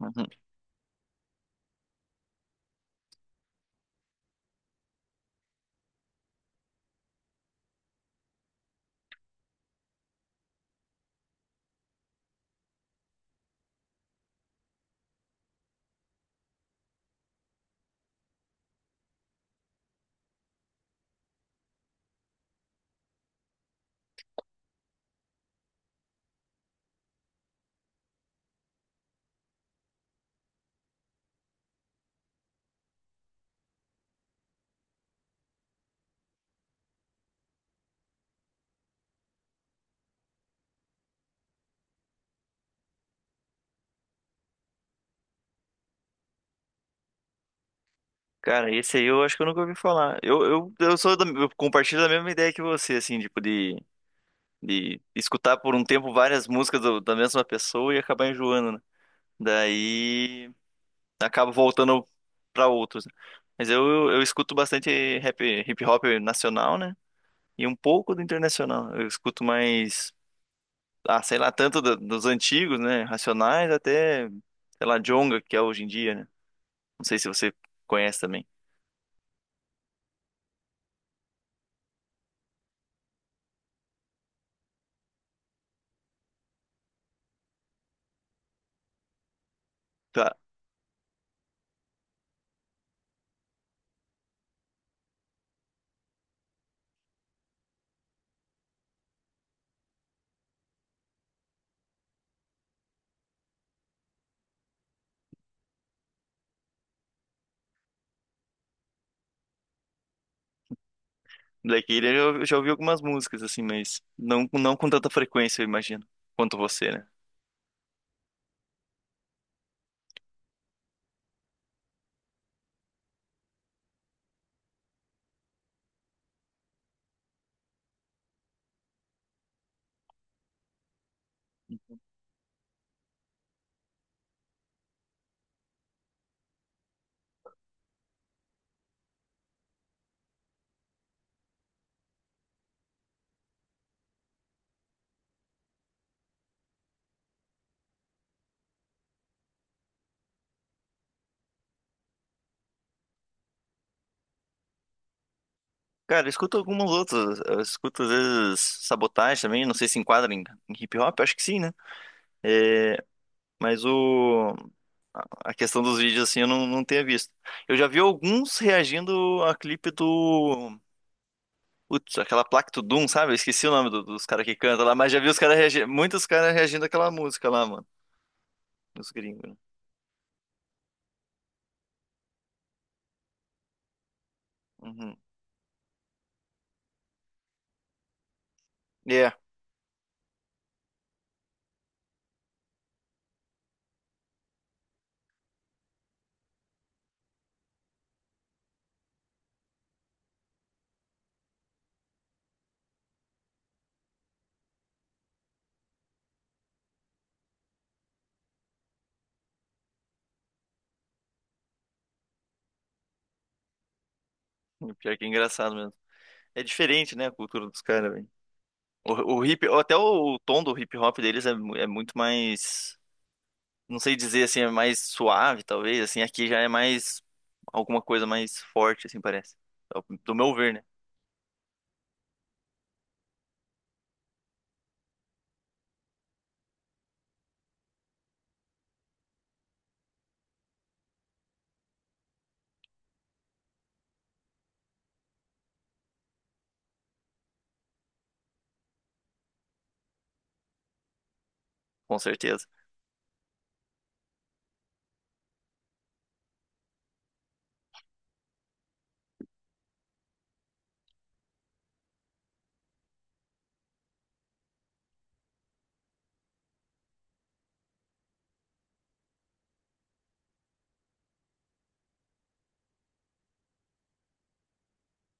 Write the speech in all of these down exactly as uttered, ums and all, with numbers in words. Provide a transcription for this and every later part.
Uhum. Cara, esse aí eu acho que eu nunca ouvi falar. Eu, eu, eu sou da, eu compartilho da mesma ideia que você, assim, tipo, de, de escutar por um tempo várias músicas do- da mesma pessoa e acabar enjoando, né? Daí acabo voltando pra outros. Né? Mas eu, eu, eu escuto bastante rap, hip hop nacional, né? E um pouco do internacional. Eu escuto mais, ah, sei lá, tanto do- dos antigos, né? Racionais até, sei lá, Djonga, que é hoje em dia, né? Não sei se você conhece também. Tá, Black Alien eu já ouvi algumas músicas, assim, mas não, não com tanta frequência, eu imagino, quanto você, né? Cara, eu escuto algumas outras, eu escuto às vezes Sabotagem também, não sei se enquadra em, em hip hop, acho que sim, né? É, mas o... A questão dos vídeos, assim, eu não, não tenho visto. Eu já vi alguns reagindo a clipe do... Putz, aquela placa do Doom, sabe? Eu esqueci o nome do- dos caras que cantam lá, mas já vi os caras reagindo... Muitos caras reagindo àquela música lá, mano. Dos gringos, né? Uhum. É. o Pior que é engraçado mesmo. É diferente, né? A cultura dos caras, velho. O, o hip... Até o, o tom do hip hop deles é, mu- é muito mais... não sei dizer assim, é mais suave, talvez, assim, aqui já é mais alguma coisa mais forte, assim, parece. Do meu ver, né? Com certeza.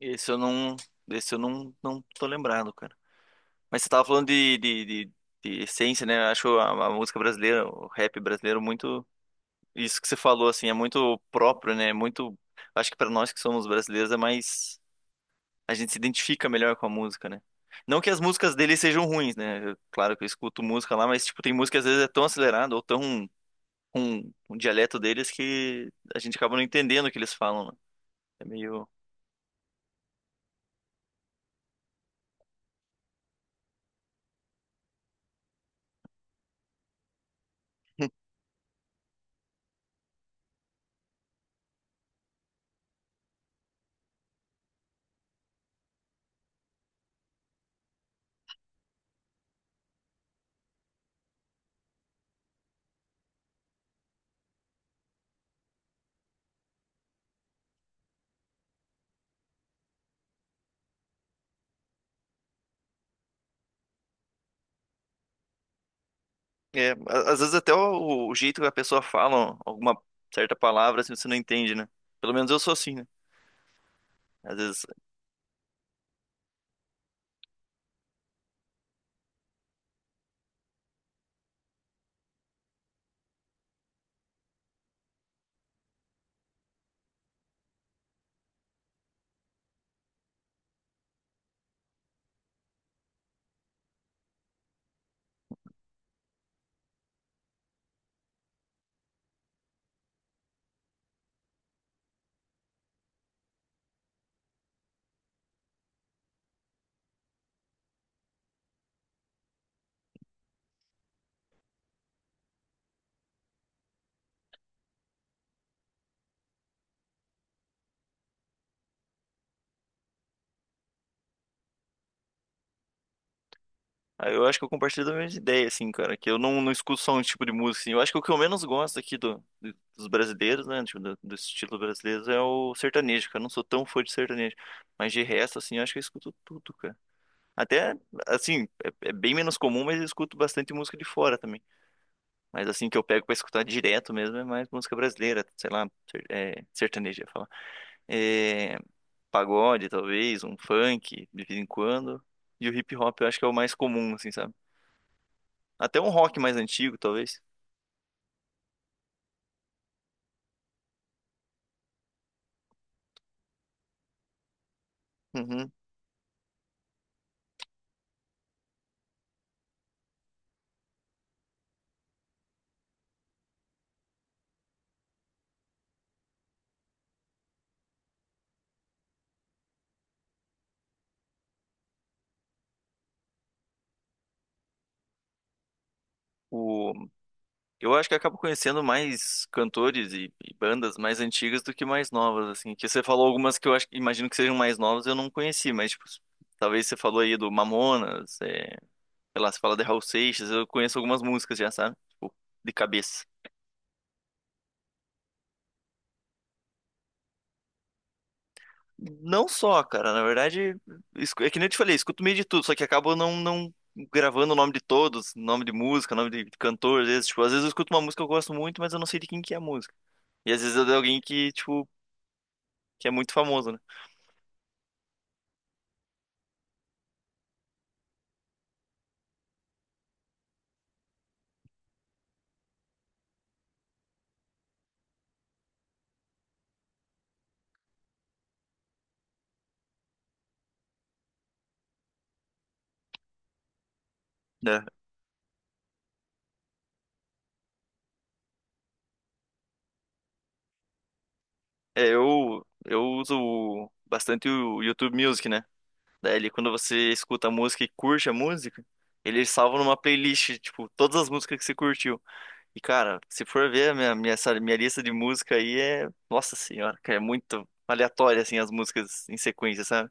Esse eu não, esse eu não, não tô lembrado, cara. Mas você tava falando de, de, de, de essência, né? Eu acho a, a música brasileira, o rap brasileiro muito isso que você falou assim, é muito próprio, né? Muito, acho que pra nós que somos brasileiros é mais a gente se identifica melhor com a música, né? Não que as músicas dele sejam ruins, né? Eu- claro que eu escuto música lá, mas tipo, tem música que às vezes é tão acelerada ou tão um, um dialeto deles que a gente acaba não entendendo o que eles falam, né? É meio. É, a- às vezes até o, o jeito que a pessoa fala alguma certa palavra, assim, você não entende, né? Pelo menos eu sou assim, né? Às vezes, aí eu acho que eu compartilho da mesma ideia, assim, cara, que eu não, não escuto só um tipo de música, assim. Eu acho que o que eu menos gosto aqui do, do- dos brasileiros, né, tipo, do, do estilo brasileiro é o sertanejo, cara. Eu não sou tão fã de sertanejo, mas de resto, assim, eu acho que eu escuto tudo, cara. Até, assim, é, é bem menos comum, mas eu escuto bastante música de fora também. Mas assim que eu pego pra escutar direto mesmo é mais música brasileira, sei lá, ser- é, sertaneja, falar. É, pagode, talvez, um funk, de vez em quando. E o hip hop eu acho que é o mais comum, assim, sabe? Até um rock mais antigo, talvez. Uhum. O, eu acho que eu acabo conhecendo mais cantores e, e bandas mais antigas do que mais novas, assim. Que você falou algumas que eu acho, imagino que sejam mais novas, eu não conheci, mas tipo, talvez você falou aí do Mamonas, é, sei lá, você fala de Raul Seixas, eu conheço algumas músicas já, sabe? Tipo, de cabeça. Não só, cara. Na verdade, escu- é que nem eu te falei, escuto meio de tudo, só que acabo não, não gravando o nome de todos, nome de música, nome de cantor, às vezes, tipo, às vezes eu escuto uma música que eu gosto muito, mas eu não sei de quem que é a música. E às vezes é de alguém que, tipo, que é muito famoso, né? Né? É, eu, eu uso bastante o YouTube Music, né? Daí ele, quando você escuta a música e curte a música, ele salva numa playlist, tipo, todas as músicas que você curtiu. E, cara, se for ver a minha, minha, essa minha lista de música aí é. Nossa senhora, cara, é muito aleatório, assim, as músicas em sequência, sabe?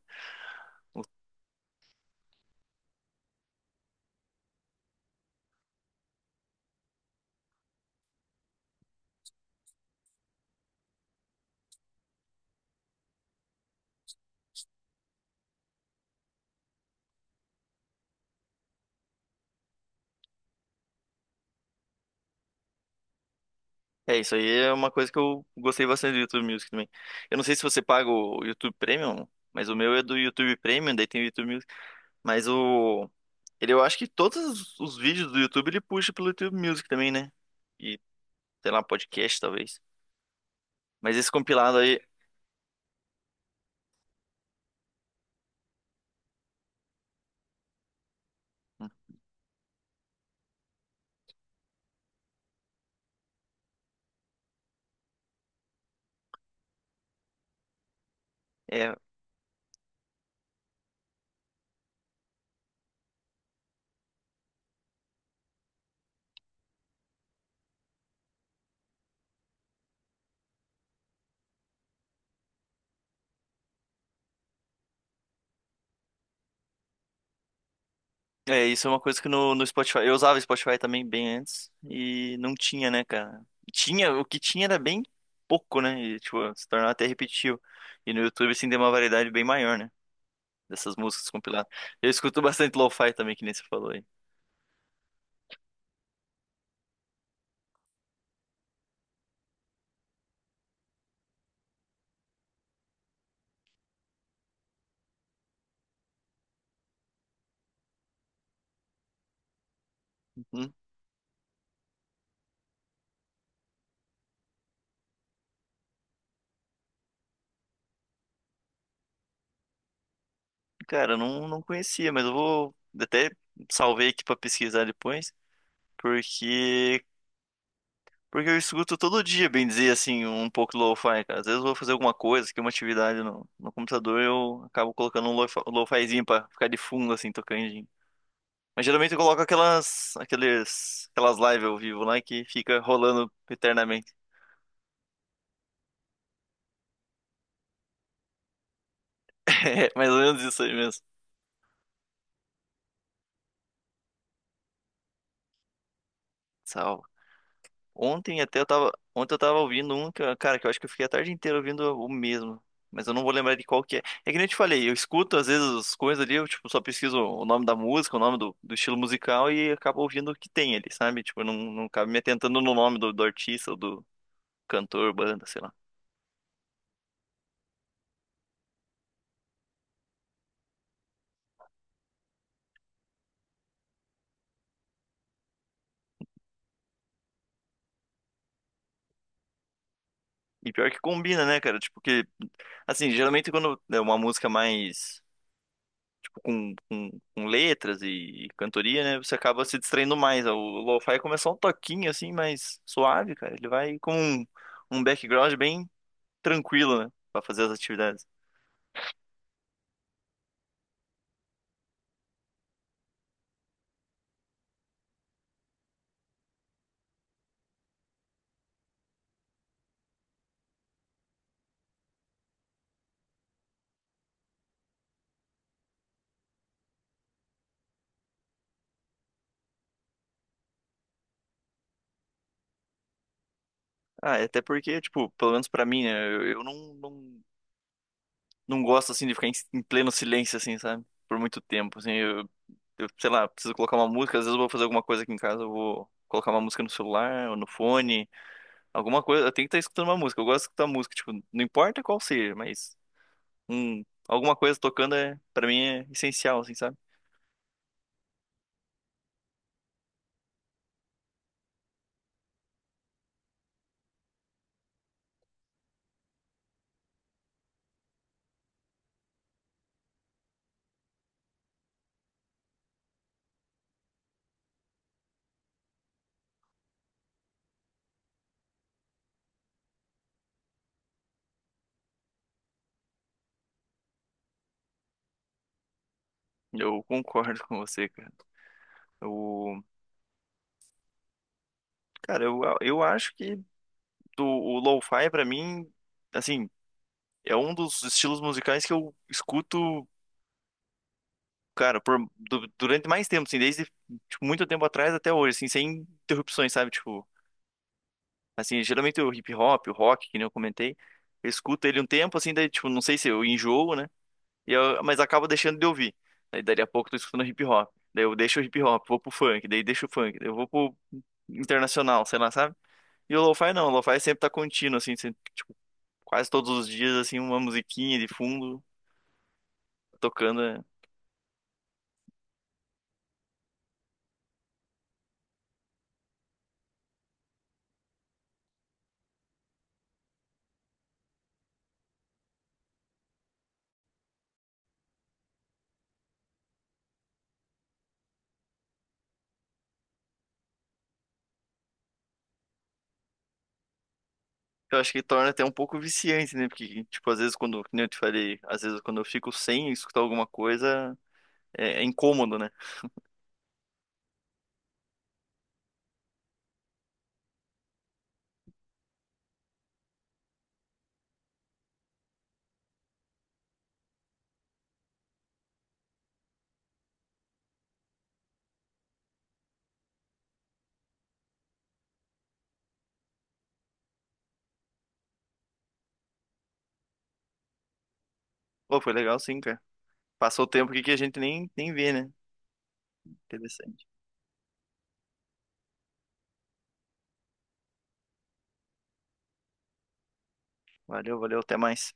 É, isso aí é uma coisa que eu gostei bastante do YouTube Music também. Eu não sei se você paga o YouTube Premium, mas o meu é do YouTube Premium, daí tem o YouTube Music. Mas o. Ele, eu acho que todos os os vídeos do YouTube ele puxa pelo YouTube Music também, né? E, sei lá, podcast talvez. Mas esse compilado aí. É, É, isso é uma coisa que no, no Spotify. Eu usava Spotify também bem antes e não tinha, né, cara? Tinha, o que tinha era bem pouco, né? E, tipo, se tornava até repetitivo. E no YouTube, assim, tem uma variedade bem maior, né? Dessas músicas compiladas. Eu escuto bastante lo-fi também, que nem você falou aí. Uhum. Cara, eu não, não conhecia, mas eu vou. Até salvei aqui pra pesquisar depois. Porque, porque eu escuto todo dia, bem dizer, assim, um pouco de lo-fi, cara. Às vezes eu vou fazer alguma coisa, que é uma atividade no, no computador, eu acabo colocando um lo-fi- um lo-fizinho pra ficar de fundo, assim, tocando. Mas geralmente eu coloco aquelas, aqueles, aquelas lives ao vivo lá que fica rolando eternamente. É mais ou menos isso aí mesmo. Ontem até eu tava, ontem eu tava ouvindo um, que eu- cara, que eu acho que eu fiquei a tarde inteira ouvindo o mesmo. Mas eu não vou lembrar de qual que é. É que nem eu te falei, eu escuto às vezes as coisas ali, eu tipo, só pesquiso o nome da música, o nome do, do estilo musical e acabo ouvindo o que tem ali, sabe? Tipo, eu não, não acabo me atentando no nome do, do artista ou do cantor, banda, sei lá. E pior que combina, né, cara? Tipo, que, assim, geralmente quando é uma música mais tipo, com, com, com letras e, e cantoria, né? Você acaba se distraindo mais. O lo-fi começa só um toquinho assim, mais suave, cara. Ele vai com um, um background bem tranquilo, né? Pra fazer as atividades. Ah, é até porque, tipo, pelo menos pra mim, né? Eu, eu não, não, não gosto, assim, de ficar em, em pleno silêncio, assim, sabe? Por muito tempo, assim. Eu, eu, sei lá, preciso colocar uma música. Às vezes eu vou fazer alguma coisa aqui em casa, eu vou colocar uma música no celular ou no fone. Alguma coisa, eu tenho que estar escutando uma música. Eu gosto de escutar música, tipo, não importa qual seja, mas um, alguma coisa tocando é, para mim é essencial, assim, sabe? Eu concordo com você, cara. O, cara, eu, eu acho que do, o lo-fi pra mim, assim, é um dos estilos musicais que eu escuto, cara, por, du- durante mais tempo, assim, desde tipo, muito tempo atrás até hoje, assim, sem interrupções, sabe? Tipo, assim, geralmente o hip hop, o rock, que nem eu comentei, eu escuto ele um tempo, assim, daí, tipo, não sei se eu enjoo, né? E eu, mas acabo deixando de ouvir. Daí dali a pouco eu tô escutando hip hop. Daí eu deixo o hip hop, vou pro funk, daí deixo o funk, daí eu vou pro internacional, sei lá, sabe? E o lo-fi não, o lo-fi sempre tá contínuo, assim, sempre, tipo, quase todos os dias, assim, uma musiquinha de fundo tocando. Né? Eu acho que torna até um pouco viciante, né? Porque, tipo, às vezes quando, como eu te falei, às vezes quando eu fico sem escutar alguma coisa, é, é incômodo, né? Pô, foi legal sim, cara. Passou o tempo aqui que a gente nem, nem vê, né? Interessante. Valeu, valeu, até mais.